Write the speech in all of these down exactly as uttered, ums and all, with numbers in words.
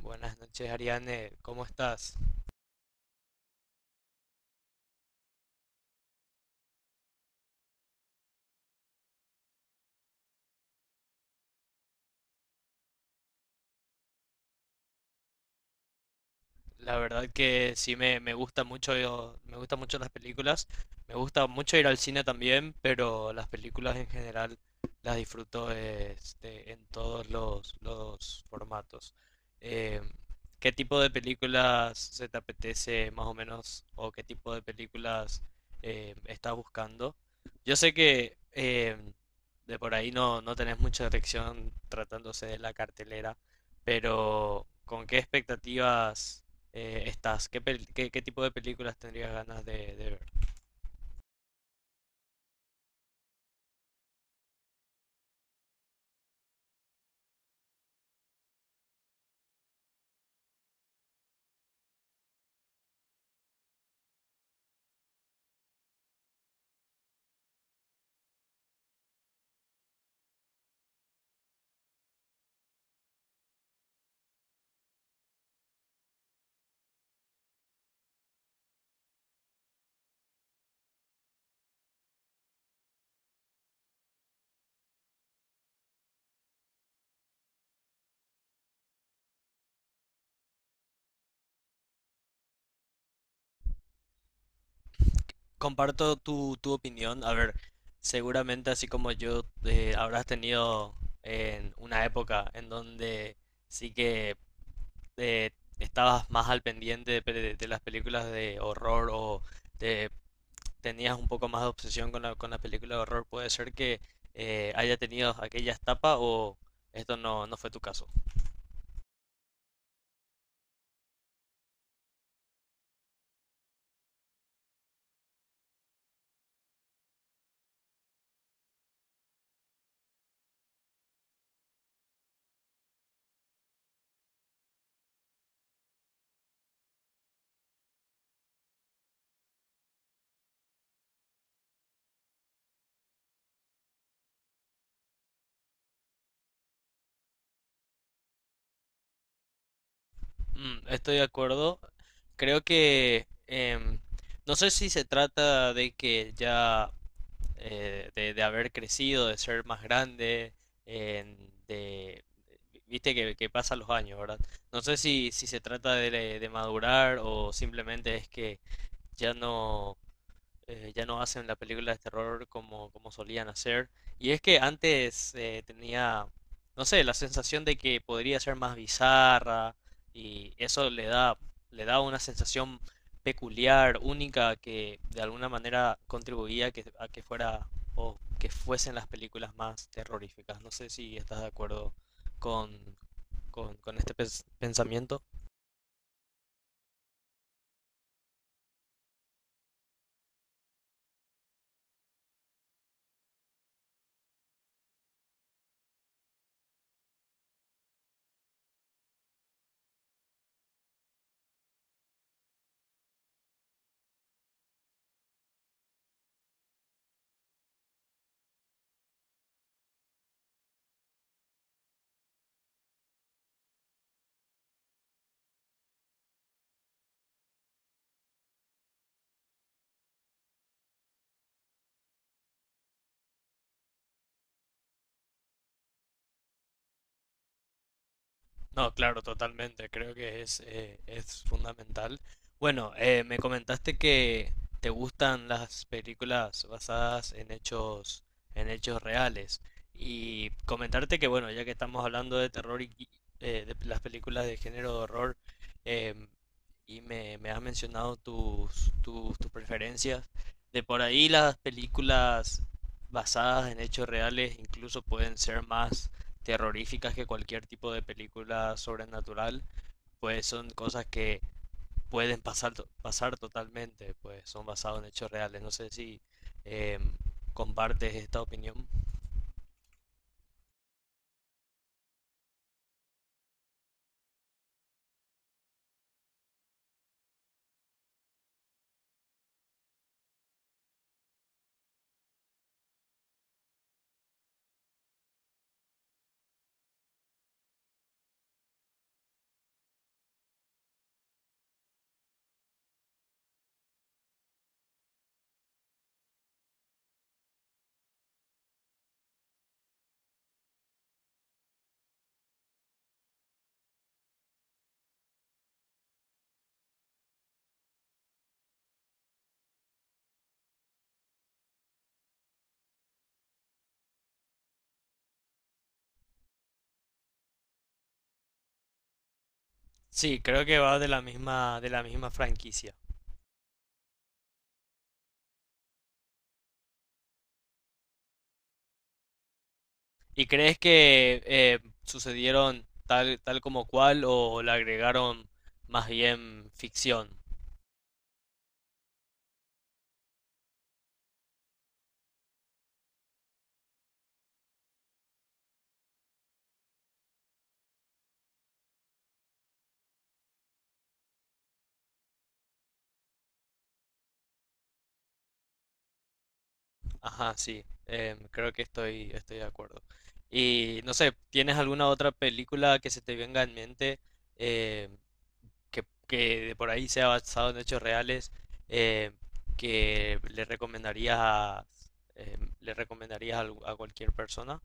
Buenas noches, Ariane. ¿Cómo estás? La verdad que sí me, me gusta mucho, yo- me gustan mucho las películas. Me gusta mucho ir al cine también, pero las películas en general las disfruto este, en todos los, los formatos. Eh, ¿Qué tipo de películas se te apetece más o menos? ¿O qué tipo de películas eh, estás buscando? Yo sé que eh, de por ahí no, no tenés mucha elección tratándose de la cartelera, pero ¿con qué expectativas? Eh, ¿estás? ¿Qué, pel- qué, qué tipo de películas tendrías ganas de, de ver? Comparto tu, tu opinión. A ver, seguramente así como yo eh, habrás tenido en una época en donde sí que eh, estabas más al pendiente de, pe- de las películas de horror o de- tenías un poco más de obsesión con la, con la película de horror. Puede ser que eh, haya tenido aquella etapa o esto no, no fue tu caso. Mm, estoy de acuerdo. Creo que em, no sé si se trata de que ya eh, de, de haber crecido, de ser más grande, en- de, viste que, que pasan los años, ¿verdad? No sé si, si se trata de, de madurar o simplemente es que ya no eh, ya no hacen la película de terror como, como solían hacer. Y es que antes eh, tenía, no sé, la sensación de que podría ser más bizarra y eso le da, le da una sensación peculiar, única, que de alguna manera contribuía a que, a que fuera o que fuesen las películas más terroríficas. No sé si estás de acuerdo con, con, con este pes- pensamiento. No, claro, totalmente. Creo que es, eh, es fundamental. Bueno, eh, me comentaste que te gustan las películas basadas en hechos, en hechos reales. Y comentarte que, bueno, ya que estamos hablando de terror y y, eh, de las películas de género de horror, em, y me, me has mencionado tus, tus, tus preferencias, de por ahí las películas basadas en hechos reales incluso pueden ser más terroríficas que cualquier tipo de película sobrenatural, pues son cosas que pueden pasar, to- pasar totalmente, pues son basados en hechos reales. No sé si eh, compartes esta opinión. Sí, creo que va de la misma, de la misma franquicia. ¿Y crees que eh, sucedieron tal, tal como cual o le agregaron más bien ficción? Ajá, sí, em, creo que estoy, estoy de acuerdo. Y no sé, ¿tienes alguna otra película que se te venga en mente em, que, que de por ahí sea basado en hechos reales em, que le recomendarías a, em, le recomendarías al- a cualquier persona?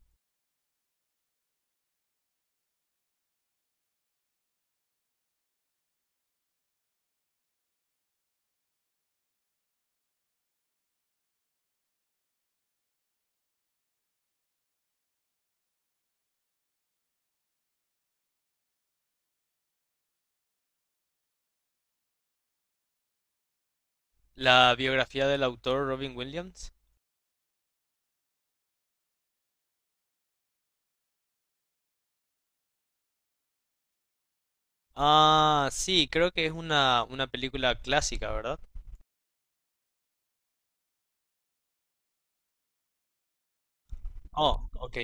La biografía del autor Robin Williams. Ah, sí, creo que es una, una película clásica, ¿verdad? Oh, ok.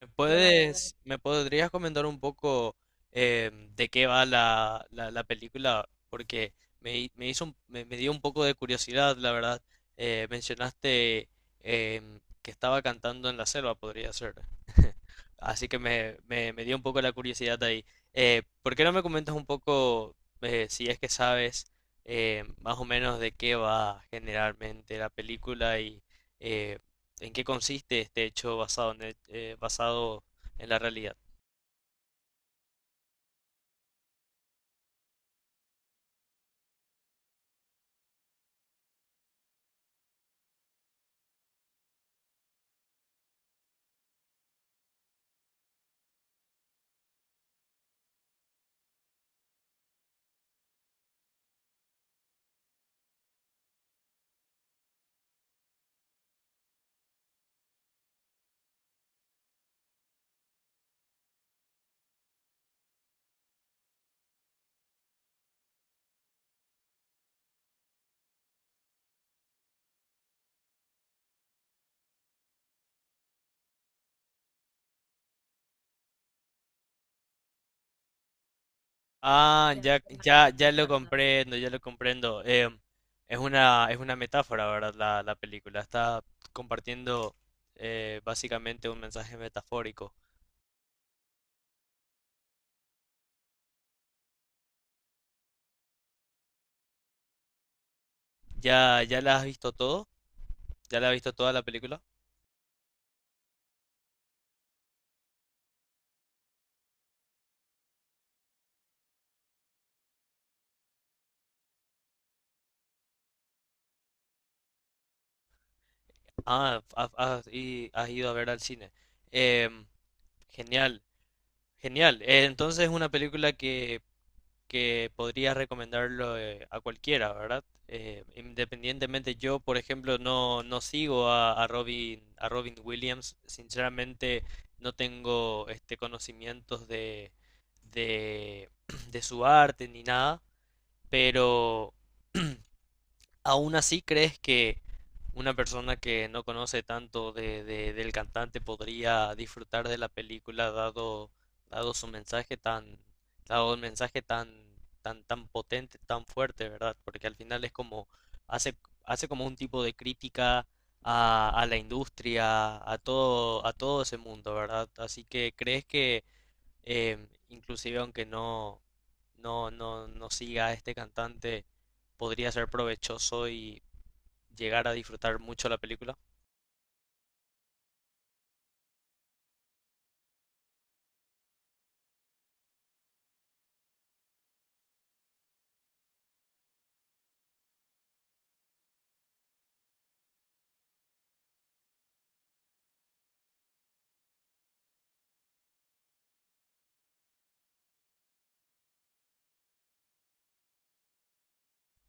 ¿Me Bueno, bueno. puedes, me podrías comentar un poco em, de qué va la, la, la película? Porque me, hi- me hizo, un- me, me dio un poco de curiosidad, la verdad. Eh, mencionaste em, que estaba cantando en la selva, podría ser. Así que me, me, me dio un poco la curiosidad ahí. Eh, ¿por qué no me comentas un poco, eh, si es que sabes, eh, más o menos de qué va generalmente la película y, eh, ¿en qué consiste este hecho basado en, el- eh, basado en la realidad? Ah, ya ya, ya, lo comprendo, ya lo comprendo. Em, es una, es una metáfora, ¿verdad? La, la película está compartiendo eh, básicamente un mensaje metafórico. ¿Ya, ya la has visto todo? ¿Ya la has visto toda la película? Ah, has, has- y has ido a ver al cine. Em, genial, genial. Eh, entonces es una película que que podría recomendarlo eh, a cualquiera, ¿verdad? Eh, independientemente, yo, por ejemplo, no, no sigo a, a Robin, a Robin Williams. Sinceramente, no tengo este conocimientos de, de, de su arte ni nada, pero aún así crees que una persona que no conoce tanto de, de- del cantante podría disfrutar de la película dado, dado su mensaje tan, dado el mensaje tan, tan, tan potente, tan fuerte, ¿verdad? Porque al final es como, hace, hace como un tipo de crítica a, a la industria, a todo, a todo ese mundo, ¿verdad? Así que crees que em, inclusive aunque no, no, no, no siga a este cantante, podría ser provechoso y llegar a disfrutar mucho la película.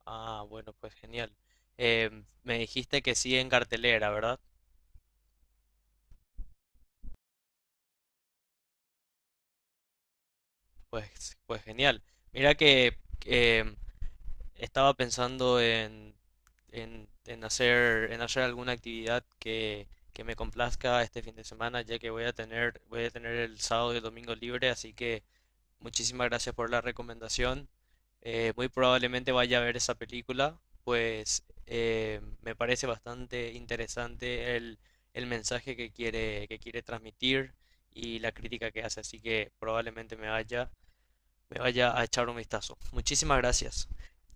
Ah, bueno, pues genial. Em, me dijiste que sigue en cartelera, ¿verdad? Pues, pues genial. Mira que em, estaba pensando en, en, en hacer, en hacer alguna actividad que, que me complazca este fin de semana, ya que voy a tener, voy a tener el sábado y el domingo libre, así que muchísimas gracias por la recomendación. Eh, muy probablemente vaya a ver esa película, pues eh, me parece bastante interesante el, el mensaje que quiere, que quiere transmitir y la crítica que hace, así que probablemente me vaya me vaya a echar un vistazo. Muchísimas gracias.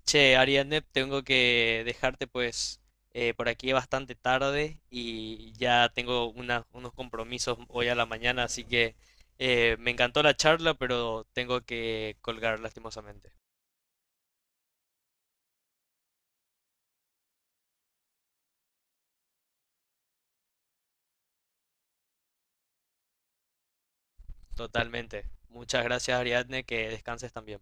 Che, Ariadne, tengo que dejarte pues eh, por aquí bastante tarde y ya tengo una- unos compromisos hoy a la mañana, así que eh, me encantó la charla, pero tengo que colgar lastimosamente. Totalmente. Muchas gracias, Ariadne, que descanses también.